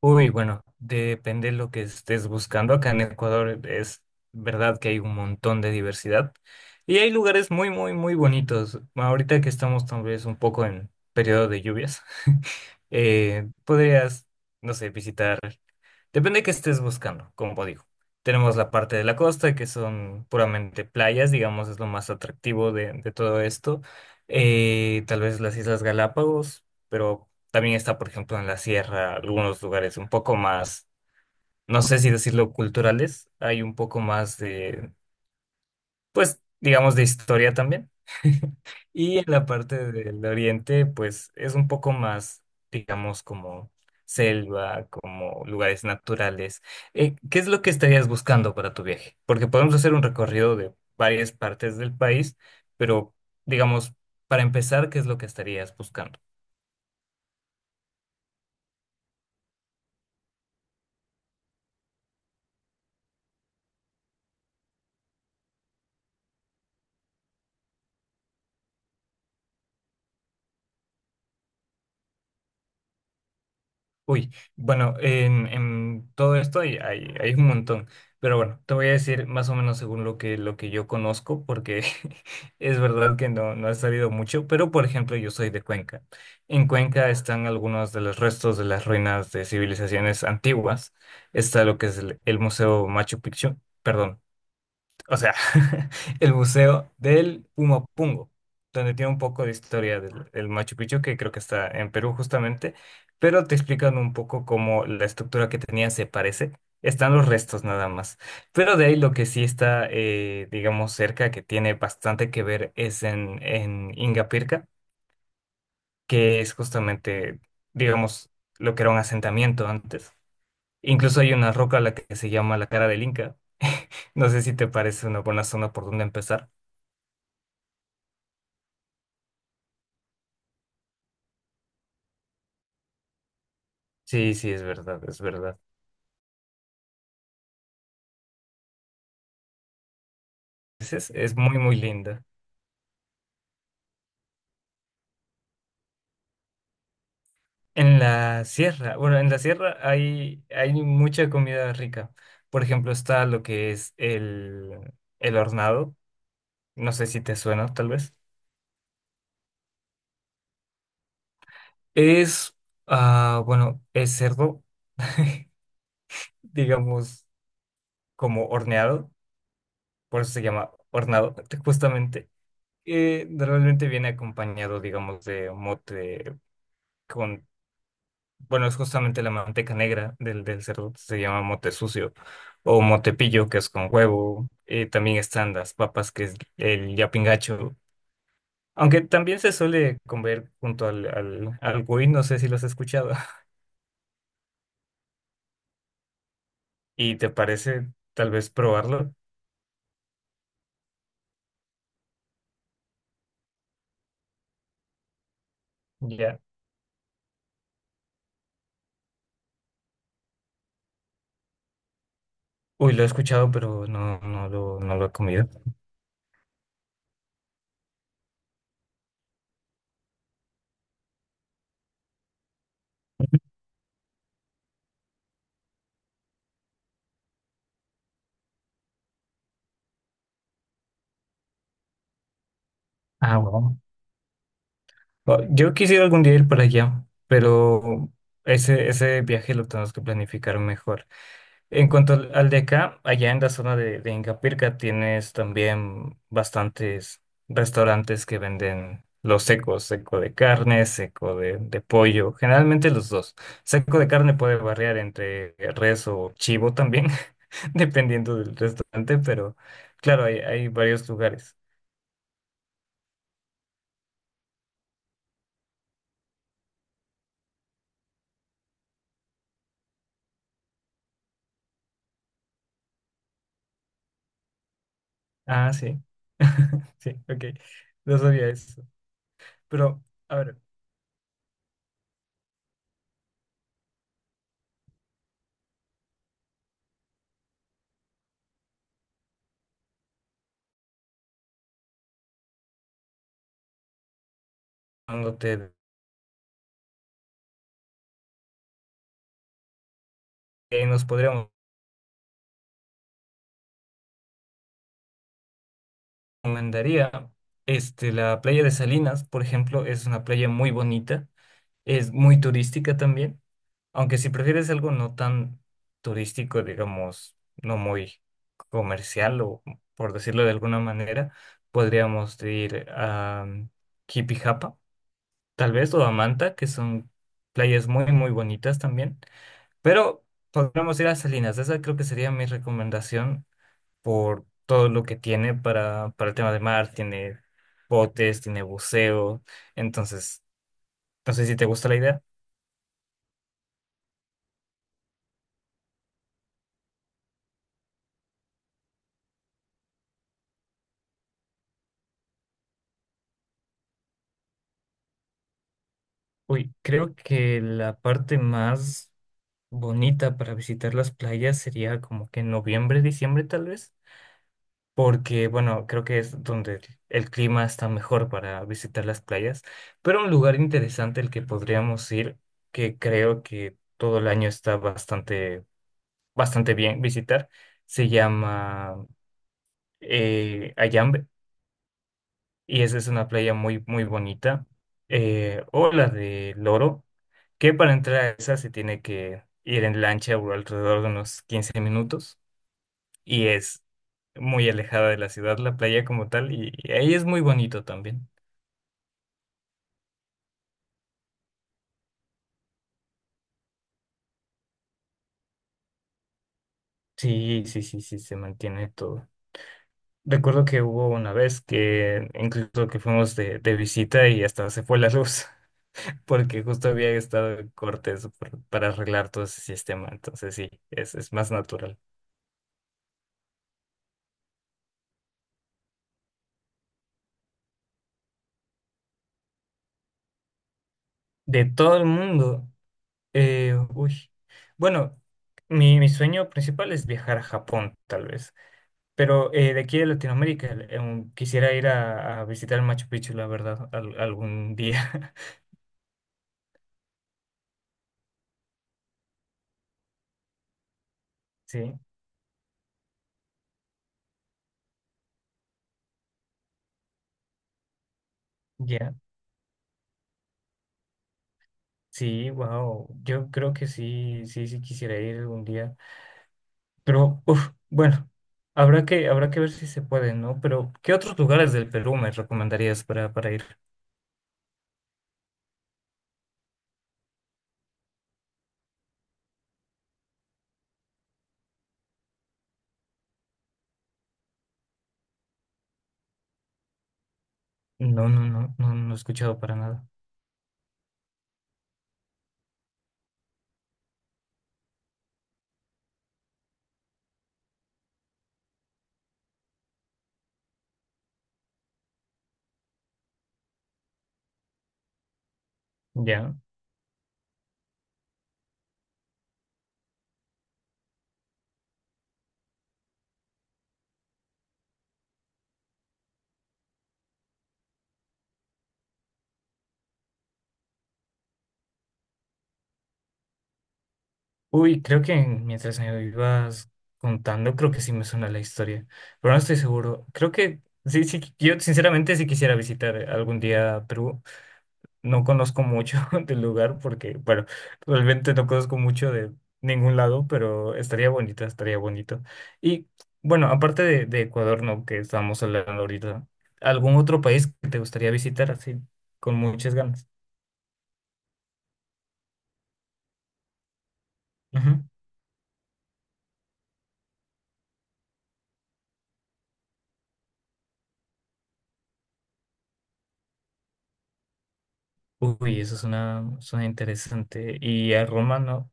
Uy, bueno, depende de lo que estés buscando. Acá en Ecuador es verdad que hay un montón de diversidad y hay lugares muy, muy, muy bonitos. Ahorita que estamos tal vez un poco en periodo de lluvias, podrías, no sé, visitar. Depende de qué estés buscando, como digo. Tenemos la parte de la costa, que son puramente playas, digamos, es lo más atractivo de todo esto. Tal vez las Islas Galápagos, pero también está, por ejemplo, en la sierra, algunos lugares un poco más, no sé si decirlo culturales, hay un poco más, pues digamos, de historia también. Y en la parte del oriente, pues es un poco más, digamos, como selva, como lugares naturales. ¿Qué es lo que estarías buscando para tu viaje? Porque podemos hacer un recorrido de varias partes del país, pero, digamos, para empezar, ¿qué es lo que estarías buscando? Uy, bueno, en todo esto hay un montón, pero bueno, te voy a decir más o menos según lo que yo conozco, porque es verdad que no he sabido mucho, pero por ejemplo yo soy de Cuenca. En Cuenca están algunos de los restos de las ruinas de civilizaciones antiguas. Está lo que es el Museo Machu Picchu, perdón, o sea, el Museo del Pumapungo, donde tiene un poco de historia del Machu Picchu, que creo que está en Perú justamente, pero te explican un poco cómo la estructura que tenía se parece. Están los restos nada más. Pero de ahí lo que sí está, digamos, cerca, que tiene bastante que ver, es en Ingapirca, que es justamente, digamos, lo que era un asentamiento antes. Incluso hay una roca a la que se llama la cara del Inca. No sé si te parece una buena zona por donde empezar. Sí, sí, es verdad, es verdad. Es muy, muy linda. En la sierra, bueno, en la sierra hay mucha comida rica. Por ejemplo, está lo que es el hornado. No sé si te suena, tal vez. Es, ah, bueno, es cerdo, digamos, como horneado. Por eso se llama hornado, justamente. Normalmente viene acompañado, digamos, de mote con. Bueno, es justamente la manteca negra del cerdo, se llama mote sucio o motepillo, que es con huevo. También están las papas, que es el yapingacho, aunque también se suele comer junto al, al cuy, no sé si lo has escuchado. ¿Y te parece tal vez probarlo? Ya. Uy, lo he escuchado, pero no, no lo he comido. Ah, bueno. Oh, yo quisiera algún día ir para allá, pero ese viaje lo tenemos que planificar mejor. En cuanto al de acá, allá en la zona de Ingapirca tienes también bastantes restaurantes que venden los secos, seco de carne, seco de pollo, generalmente los dos. Seco de carne puede variar entre res o chivo también, dependiendo del restaurante, pero claro, hay varios lugares. Ah, sí. Sí, ok. No sabía eso. Pero, a ver, cuando te... eh, nos podríamos... recomendaría, este, la playa de Salinas, por ejemplo, es una playa muy bonita, es muy turística también, aunque si prefieres algo no tan turístico, digamos, no muy comercial o por decirlo de alguna manera, podríamos ir a Jipijapa, tal vez, o a Manta, que son playas muy, muy bonitas también, pero podríamos ir a Salinas, esa creo que sería mi recomendación por todo lo que tiene para el tema de mar, tiene botes, tiene buceo, entonces, no sé si te gusta la idea. Uy, creo que la parte más bonita para visitar las playas sería como que en noviembre, diciembre tal vez, porque bueno, creo que es donde el clima está mejor para visitar las playas, pero un lugar interesante al que podríamos ir, que creo que todo el año está bastante, bastante bien visitar, se llama, Ayambe, y esa es una playa muy, muy bonita, o la de Loro, que para entrar a esa se tiene que ir en lancha, o alrededor de unos 15 minutos, y es muy alejada de la ciudad, la playa como tal, y ahí es muy bonito también. Sí, sí, sí, sí, se mantiene todo. Recuerdo que hubo una vez que incluso que fuimos de visita y hasta se fue la luz, porque justo había estado en cortes para arreglar todo ese sistema, entonces sí, es más natural. De todo el mundo, uy, bueno, mi sueño principal es viajar a Japón, tal vez, pero, de aquí de Latinoamérica, quisiera ir a visitar Machu Picchu, la verdad, algún día. Sí, ya, sí, wow, yo creo que sí, sí, sí quisiera ir algún día. Pero, uf, bueno, habrá que ver si se puede, ¿no? Pero, ¿qué otros lugares del Perú me recomendarías para ir? No, no, no, no, no he escuchado para nada. Ya. Uy, creo que mientras me ibas contando, creo que sí me suena la historia, pero no estoy seguro. Creo que sí, sí, yo sinceramente sí quisiera visitar algún día Perú. No conozco mucho del lugar porque, bueno, realmente no conozco mucho de ningún lado, pero estaría bonito, estaría bonito. Y bueno, aparte de Ecuador, ¿no? Que estamos hablando ahorita, ¿algún otro país que te gustaría visitar así con muchas ganas? Ujú. Uy, eso suena interesante. Y a Roma, ¿no?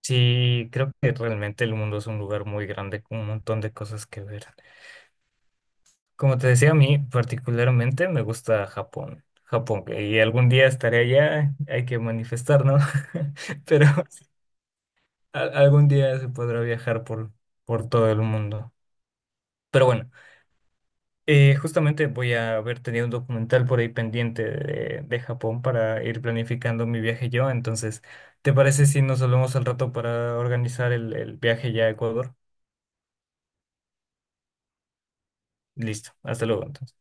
Sí, creo que realmente el mundo es un lugar muy grande con un montón de cosas que ver. Como te decía, a mí particularmente me gusta Japón. Japón, y algún día estaré allá, hay que manifestar, ¿no? Pero algún día se podrá viajar por todo el mundo. Pero bueno, justamente voy a haber tenido un documental por ahí pendiente de Japón para ir planificando mi viaje yo. Entonces, ¿te parece si nos hablamos al rato para organizar el viaje ya a Ecuador? Listo, hasta luego entonces.